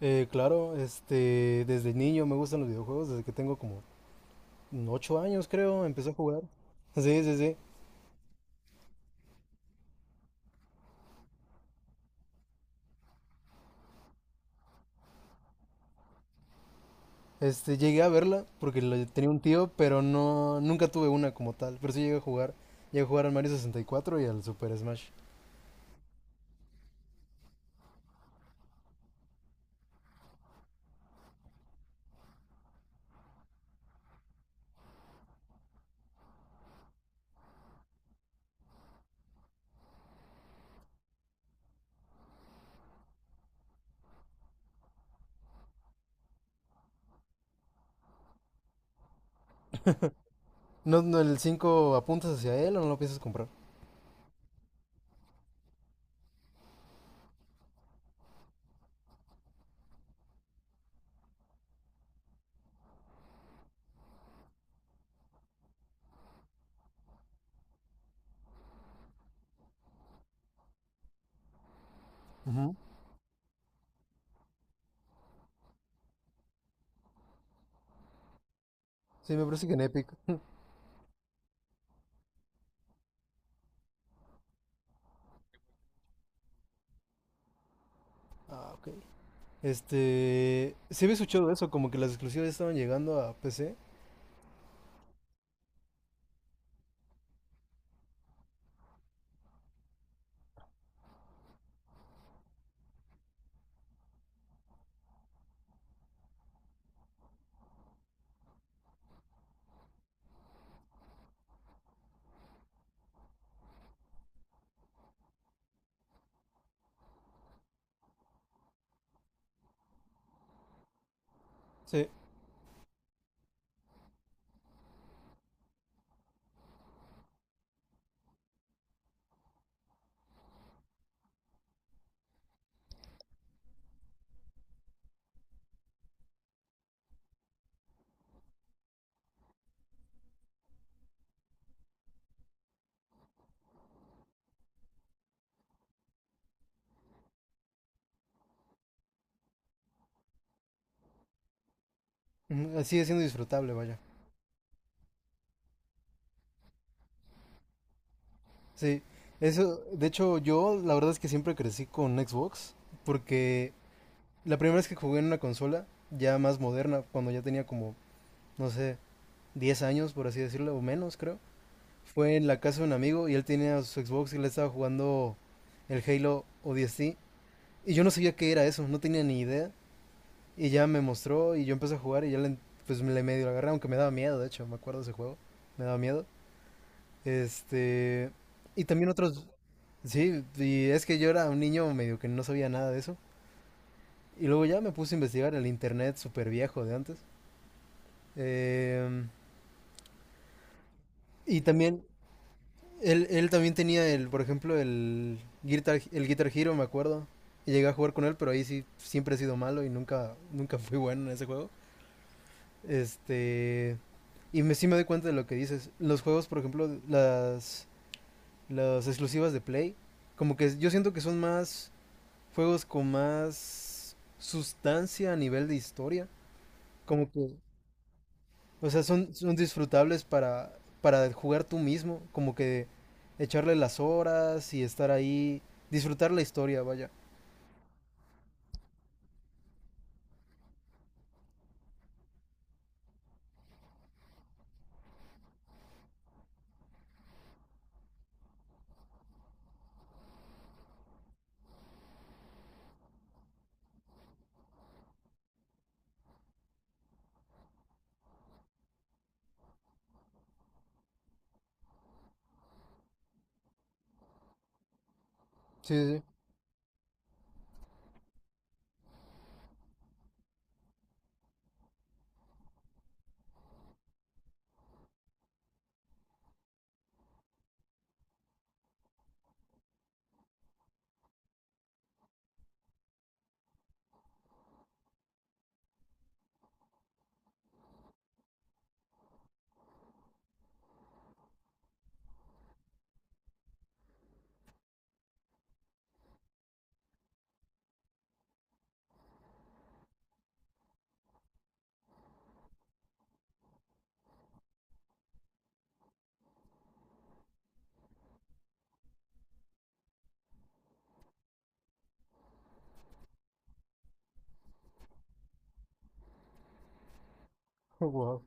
Claro, desde niño me gustan los videojuegos, desde que tengo como 8 años creo, empecé a jugar. Sí, sí, sí. Llegué a verla porque tenía un tío, pero no, nunca tuve una como tal. Pero sí llegué a jugar. Llegué a jugar al Mario 64 y cuatro y al Super Smash. No, no, ¿el 5 apuntas hacia él o no lo piensas comprar? Ujú. Sí, me parece que en Epic. Ah, ok. Sí, había escuchado eso, como que las exclusivas ya estaban llegando a PC. Sí. Ujú. Sigue siendo disfrutable, vaya. Sí, eso, de hecho yo la verdad es que siempre crecí con Xbox, porque la primera vez que jugué en una consola ya más moderna, cuando ya tenía como, no sé, 10 años por así decirlo, o menos creo, fue en la casa de un amigo y él tenía su Xbox y le estaba jugando el Halo o ODST y yo no sabía qué era eso, no tenía ni idea y ya me mostró y yo empecé a jugar y ya le, pues le medio agarré, aunque me daba miedo, de hecho, me acuerdo de ese juego, me daba miedo. Este, y también otros, sí, y es que yo era un niño medio que no sabía nada de eso. Y luego ya me puse a investigar el internet súper viejo de antes. Em, y también, él también tenía el, por ejemplo, el Guitar Hero, me acuerdo. Y llegué a jugar con él, pero ahí sí siempre he sido malo y nunca, nunca fui bueno en ese juego. Este, y sí me doy cuenta de lo que dices. Los juegos, por ejemplo, las exclusivas de Play, como que yo siento que son más juegos con más sustancia a nivel de historia. Como que, o sea, son disfrutables para jugar tú mismo. Como que echarle las horas y estar ahí. Disfrutar la historia, vaya. Sí, sí, sí. Oh, wow.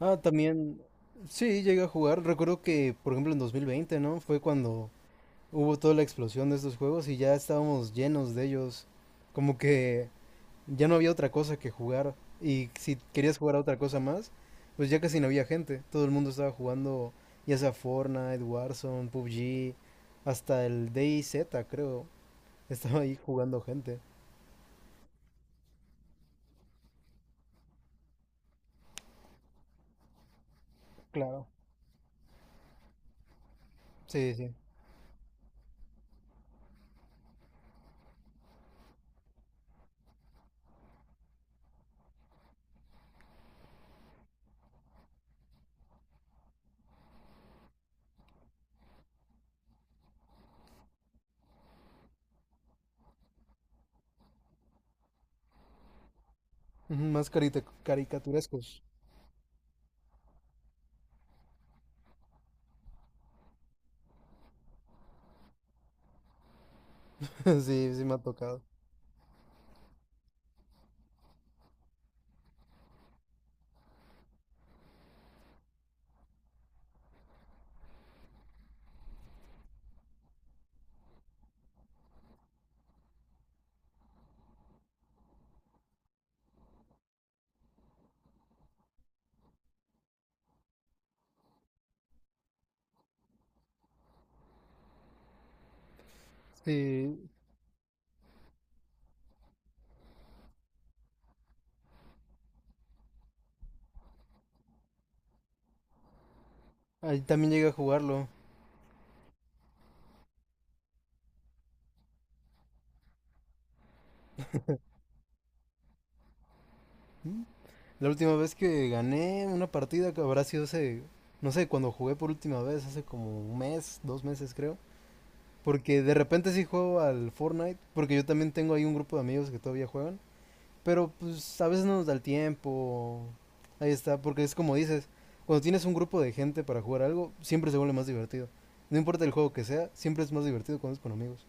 Ah, también, sí, llegué a jugar. Recuerdo que, por ejemplo, en 2020, ¿no? Fue cuando hubo toda la explosión de estos juegos y ya estábamos llenos de ellos. Como que ya no había otra cosa que jugar y si querías jugar a otra cosa más, pues ya casi no había gente. Todo el mundo estaba jugando ya sea Fortnite, Warzone, PUBG, hasta el DayZ creo. Estaba ahí jugando gente. Claro. Sí, sí. Ujú. Más caricaturescos. Sí, sí me ha tocado. Sí, ahí también llegué a jugarlo. La última vez que gané una partida que habrá sido hace, no sé, cuando jugué por última vez, hace como un mes, 2 meses creo. Porque de repente sí juego al Fortnite, porque yo también tengo ahí un grupo de amigos que todavía juegan. Pero pues a veces no nos da el tiempo. Ahí está, porque es como dices, cuando tienes un grupo de gente para jugar algo, siempre se vuelve más divertido. No importa el juego que sea, siempre es más divertido cuando es con amigos.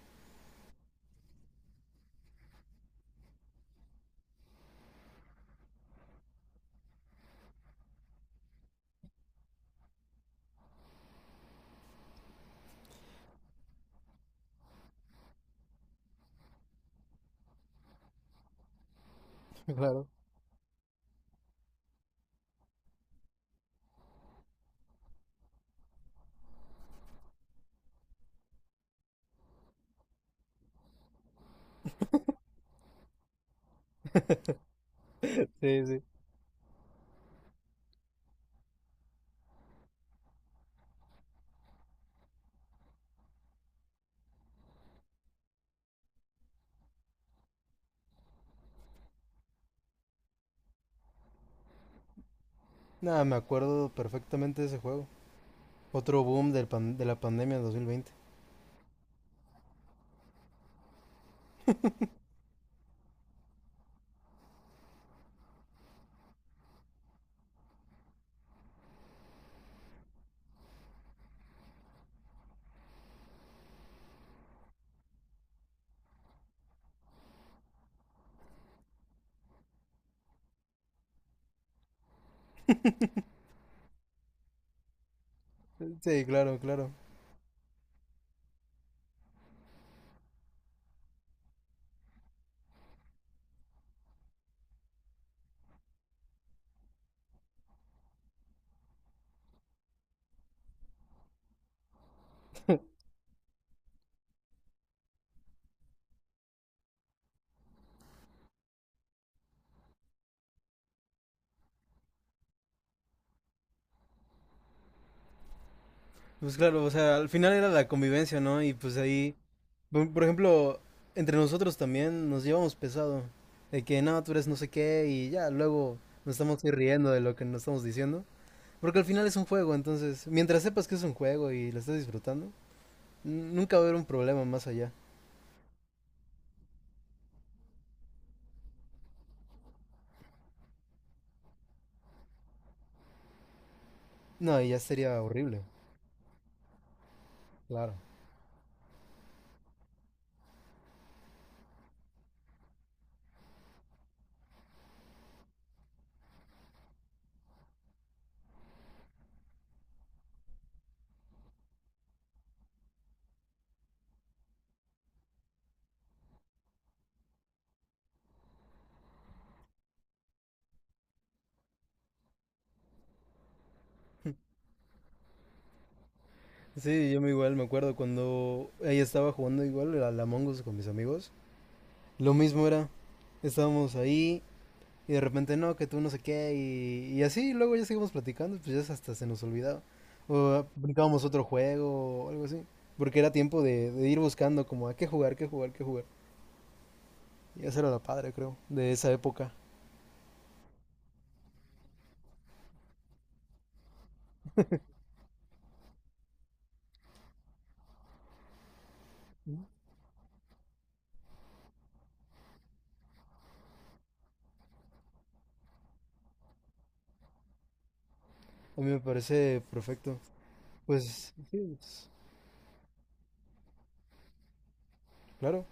Claro. Sí, sí. Nada, me acuerdo perfectamente de ese juego. Otro boom de la pandemia de 2020. Sí, claro, claro. Pues claro, o sea, al final era la convivencia, ¿no? Y pues ahí. Por ejemplo, entre nosotros también nos llevamos pesado. De que no, tú eres no sé qué y ya, luego nos estamos ahí riendo de lo que nos estamos diciendo. Porque al final es un juego, entonces, mientras sepas que es un juego y lo estás disfrutando, nunca va a haber un problema más allá. No, y ya sería horrible, claro. Sí, yo me igual me acuerdo cuando ella estaba jugando igual a la Among Us con mis amigos. Lo mismo era, estábamos ahí. Y de repente, no, que tú no sé qué, y así, y luego ya seguimos platicando, pues ya hasta se nos olvidaba. O brincábamos otro juego o algo así. Porque era tiempo de ir buscando como a qué jugar, qué jugar, qué jugar. Y esa era la padre, creo, de esa época. ¿No? A mí me parece perfecto. Pues sí, pues, claro.